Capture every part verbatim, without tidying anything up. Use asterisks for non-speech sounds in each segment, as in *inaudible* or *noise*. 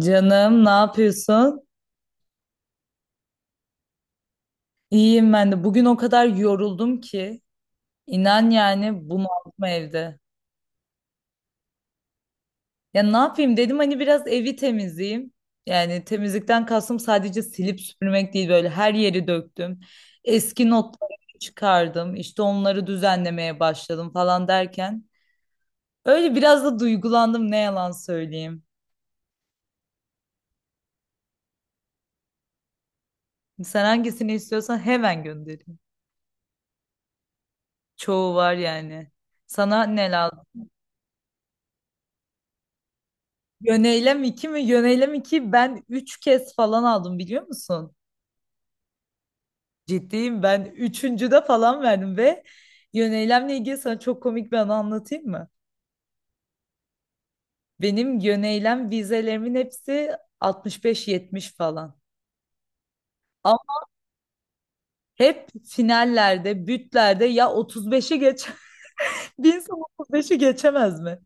Canım ne yapıyorsun? İyiyim ben de. Bugün o kadar yoruldum ki. İnan yani bunaldım evde. Ya ne yapayım dedim hani biraz evi temizleyeyim. Yani temizlikten kastım sadece silip süpürmek değil böyle her yeri döktüm. Eski notları çıkardım. İşte onları düzenlemeye başladım falan derken. Öyle biraz da duygulandım ne yalan söyleyeyim. Sen hangisini istiyorsan hemen göndereyim. Çoğu var yani. Sana ne lazım? Yöneylem iki mi? Yöneylem iki. Ben üç kez falan aldım biliyor musun? Ciddiyim ben üçüncüde falan verdim ve yöneylemle ilgili sana çok komik bir anı anlatayım mı? Benim yöneylem vizelerimin hepsi altmış beş yetmiş falan. Ama hep finallerde, bütlerde ya otuz beşi geç. Bir insan otuz beşi geçemez mi?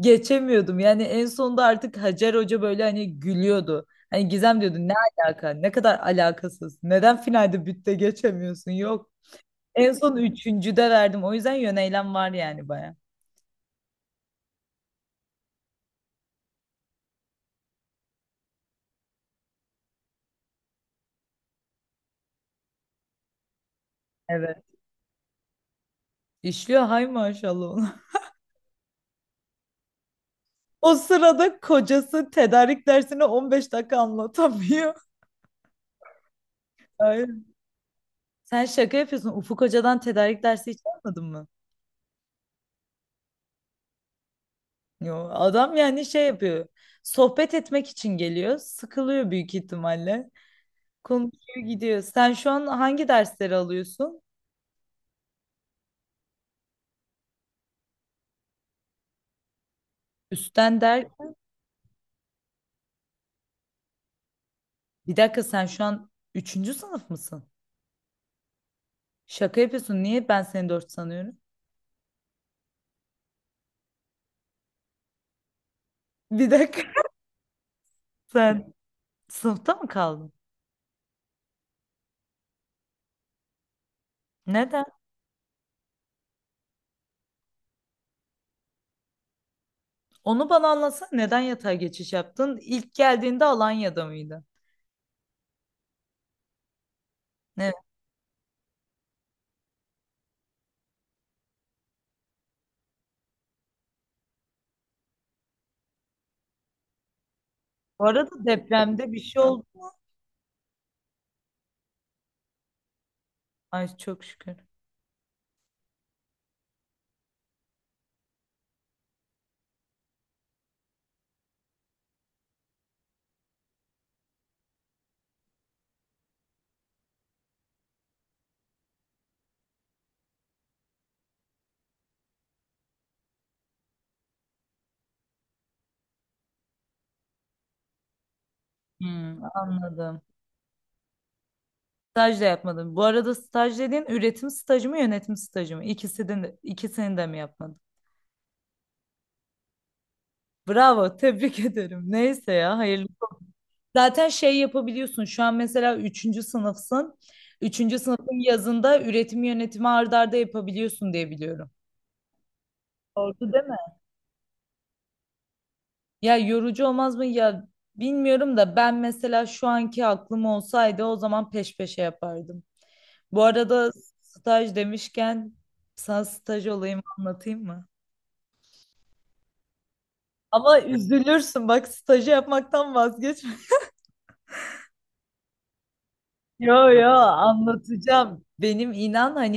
Geçemiyordum. Yani en sonunda artık Hacer Hoca böyle hani gülüyordu. Hani Gizem diyordu ne alaka? Ne kadar alakasız. Neden finalde bütte geçemiyorsun? Yok. En son üçüncüde verdim. O yüzden yöneylem var yani baya. Evet. İşliyor hay maşallah ona. *laughs* O sırada kocası tedarik dersini on beş dakika anlatamıyor. *laughs* Hayır. Sen şaka yapıyorsun. Ufuk Hoca'dan tedarik dersi hiç almadın mı? Yo, adam yani şey yapıyor. Sohbet etmek için geliyor. Sıkılıyor büyük ihtimalle. Konuşuyor gidiyor. Sen şu an hangi dersleri alıyorsun? Üstten der. Bir dakika sen şu an üçüncü sınıf mısın? Şaka yapıyorsun. Niye ben seni dört sanıyorum? Bir dakika. *laughs* Sen sınıfta mı kaldın? Neden? Onu bana anlatsana. Neden yatay geçiş yaptın? İlk geldiğinde Alanya'da mıydı? Evet. Bu arada depremde bir şey oldu. Ay çok şükür. Hmm, anladım. Staj da yapmadım. Bu arada staj dediğin üretim stajı mı yönetim stajı mı? İkisini de, ikisini de mi yapmadın? Bravo, tebrik *laughs* ederim. Neyse ya, hayırlı. Zaten şey yapabiliyorsun. Şu an mesela üçüncü sınıfsın. Üçüncü sınıfın yazında üretim yönetimi art arda yapabiliyorsun diye biliyorum. Doğru değil mi? Ya yorucu olmaz mı? Ya bilmiyorum da ben mesela şu anki aklım olsaydı o zaman peş peşe yapardım. Bu arada staj demişken sana staj olayımı anlatayım mı? Ama üzülürsün bak stajı yapmaktan vazgeç. *laughs* Yo yo anlatacağım. Benim inan hani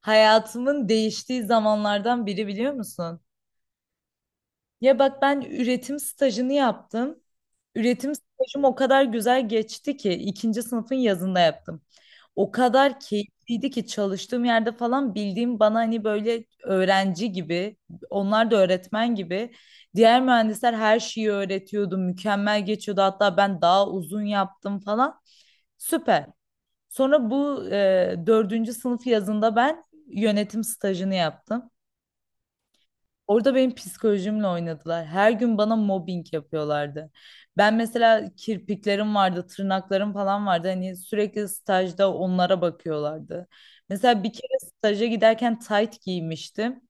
hayatımın değiştiği zamanlardan biri biliyor musun? Ya bak ben üretim stajını yaptım. Üretim stajım o kadar güzel geçti ki ikinci sınıfın yazında yaptım. O kadar keyifliydi ki çalıştığım yerde falan bildiğim bana hani böyle öğrenci gibi, onlar da öğretmen gibi. Diğer mühendisler her şeyi öğretiyordu, mükemmel geçiyordu. Hatta ben daha uzun yaptım falan. Süper. Sonra bu e, dördüncü sınıf yazında ben yönetim stajını yaptım. Orada benim psikolojimle oynadılar. Her gün bana mobbing yapıyorlardı. Ben mesela kirpiklerim vardı, tırnaklarım falan vardı. Hani sürekli stajda onlara bakıyorlardı. Mesela bir kere staja giderken tight giymiştim.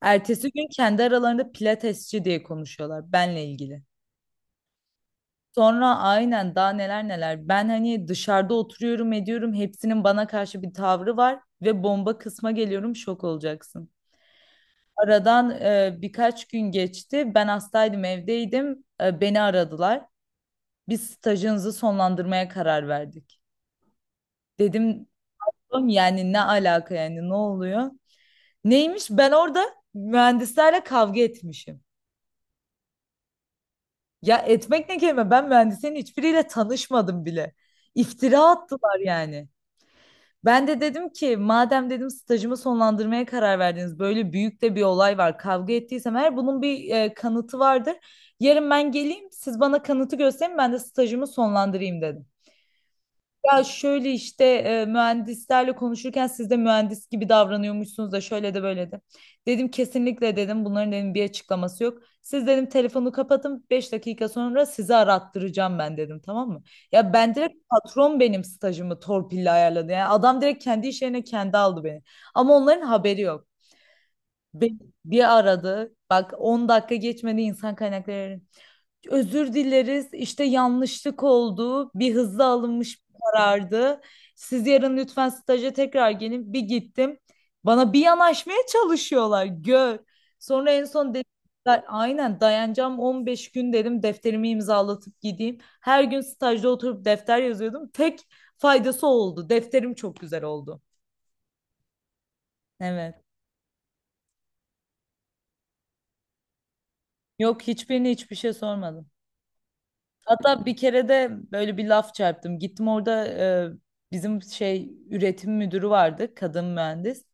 Ertesi gün kendi aralarında pilatesçi diye konuşuyorlar benle ilgili. Sonra aynen daha neler neler. Ben hani dışarıda oturuyorum ediyorum. Hepsinin bana karşı bir tavrı var ve bomba kısma geliyorum şok olacaksın. Aradan e, birkaç gün geçti. Ben hastaydım, evdeydim. E, beni aradılar. Biz stajınızı sonlandırmaya karar verdik. Dedim "Oğlum yani ne alaka yani ne oluyor? Neymiş? Ben orada mühendislerle kavga etmişim. Ya etmek ne kelime? Ben mühendislerin hiçbiriyle tanışmadım bile. İftira attılar yani. Ben de dedim ki madem dedim stajımı sonlandırmaya karar verdiniz böyle büyük de bir olay var kavga ettiysem eğer bunun bir e, kanıtı vardır. Yarın ben geleyim siz bana kanıtı gösterin ben de stajımı sonlandırayım dedim. Ya şöyle işte e, mühendislerle konuşurken siz de mühendis gibi davranıyormuşsunuz da şöyle de böyle de. Dedim kesinlikle dedim bunların dedim bir açıklaması yok. Siz dedim telefonu kapatın beş dakika sonra sizi arattıracağım ben dedim tamam mı? Ya ben direkt patron benim stajımı torpille ayarladı. Yani adam direkt kendi iş yerine kendi aldı beni. Ama onların haberi yok. Beni bir aradı bak on dakika geçmedi insan kaynakları özür dileriz. İşte yanlışlık oldu. Bir hızlı alınmış bir karardı. Siz yarın lütfen staja tekrar gelin. Bir gittim. Bana bir yanaşmaya çalışıyorlar. Gör. Sonra en son dediler aynen dayanacağım on beş gün dedim defterimi imzalatıp gideyim. Her gün stajda oturup defter yazıyordum. Tek faydası oldu. Defterim çok güzel oldu. Evet. Yok hiçbirine hiçbir şey sormadım. Hatta bir kere de böyle bir laf çarptım. Gittim orada e, bizim şey üretim müdürü vardı, kadın mühendis.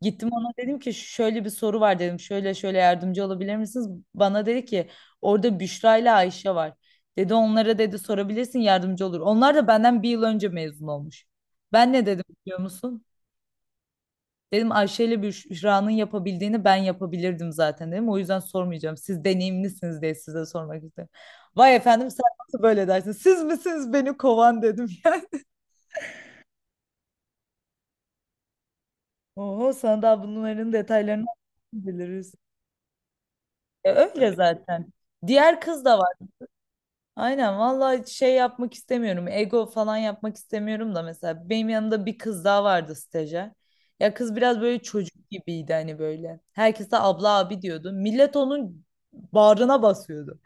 Gittim ona dedim ki şöyle bir soru var dedim. Şöyle şöyle yardımcı olabilir misiniz? Bana dedi ki orada Büşra ile Ayşe var. Dedi onlara dedi sorabilirsin yardımcı olur. Onlar da benden bir yıl önce mezun olmuş. Ben ne dedim biliyor musun? Dedim Ayşe ile Büşra'nın yapabildiğini ben yapabilirdim zaten dedim. O yüzden sormayacağım. Siz deneyimlisiniz diye size sormak istedim. Vay efendim sen nasıl böyle dersin? Siz misiniz beni kovan dedim *laughs* yani. Oho sana daha bunların detaylarını biliriz. E, öyle zaten. Diğer kız da var. Aynen vallahi şey yapmak istemiyorum. Ego falan yapmak istemiyorum da mesela benim yanımda bir kız daha vardı stajyer. Ya kız biraz böyle çocuk gibiydi hani böyle. Herkese abla abi diyordu. Millet onun bağrına basıyordu.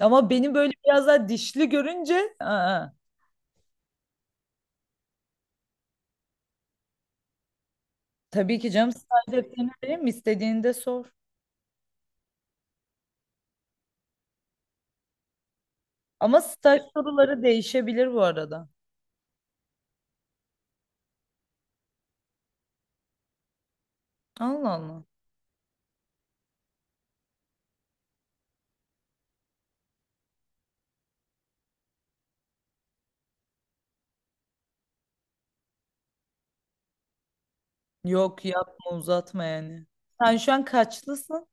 Ama beni böyle biraz daha dişli görünce aa, tabii ki canım staj defterini vereyim mi? İstediğini de sor. Ama staj soruları değişebilir bu arada. Allah Allah. Yok yapma uzatma yani. Sen şu an kaçlısın?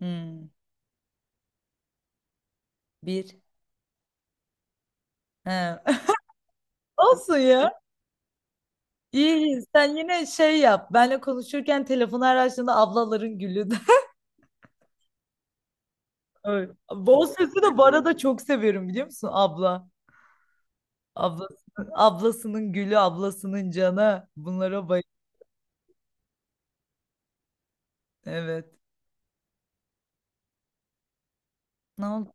Hmm, bir. He. *laughs* Olsun ya. İyi iyi. Sen yine şey yap. Benle konuşurken telefonu her açtığında ablaların gülü de. *laughs* Evet. O sözü de bu arada çok severim biliyor musun? Abla. Ablasının, ablasının gülü, ablasının canı. Bunlara bay. Evet. Ne oldu?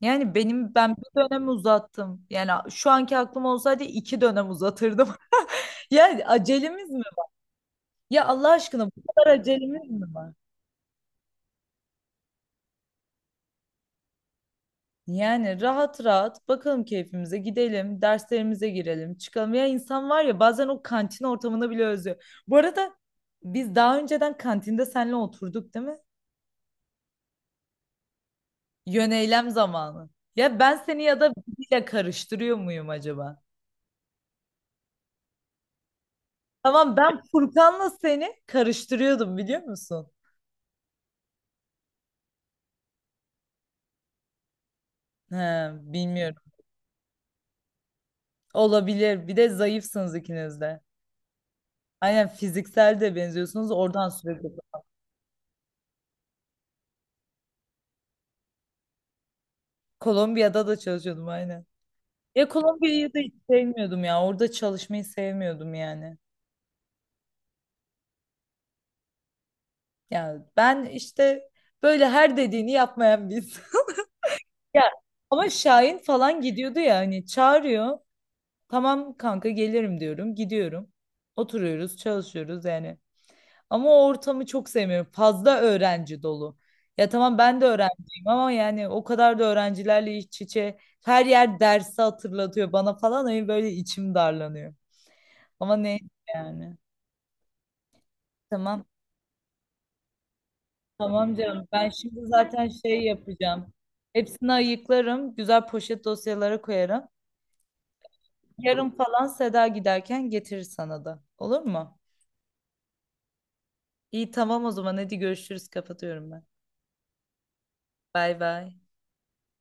Yani benim ben bir dönem uzattım. Yani şu anki aklım olsaydı iki dönem uzatırdım. *laughs* Yani acelemiz mi? Ya Allah aşkına bu kadar acelemiz mi var? Yani rahat rahat bakalım keyfimize gidelim, derslerimize girelim, çıkalım. Ya insan var ya bazen o kantin ortamını bile özlüyor. Bu arada biz daha önceden kantinde seninle oturduk değil mi? Yöneylem zamanı. Ya ben seni ya da biriyle karıştırıyor muyum acaba? Tamam ben Furkan'la seni karıştırıyordum biliyor musun? He, bilmiyorum. Olabilir. Bir de zayıfsınız ikiniz de. Aynen fiziksel de benziyorsunuz. Oradan sürekli. Kolombiya'da da çalışıyordum aynen. Ya Kolombiya'yı da hiç sevmiyordum ya. Orada çalışmayı sevmiyordum yani. Ya ben işte böyle her dediğini yapmayan biz. *laughs* Ya ama Şahin falan gidiyordu ya hani çağırıyor. Tamam kanka gelirim diyorum. Gidiyorum. Oturuyoruz, çalışıyoruz yani. Ama o ortamı çok sevmiyorum. Fazla öğrenci dolu. Ya tamam ben de öğrenciyim ama yani o kadar da öğrencilerle iç içe her yer dersi hatırlatıyor bana falan. Hani böyle içim darlanıyor. Ama neyse yani. Tamam. Tamam canım. Ben şimdi zaten şey yapacağım. Hepsini ayıklarım. Güzel poşet dosyalara koyarım. Yarın falan Seda giderken getirir sana da. Olur mu? İyi tamam o zaman. Hadi görüşürüz. Kapatıyorum ben. Bay bay.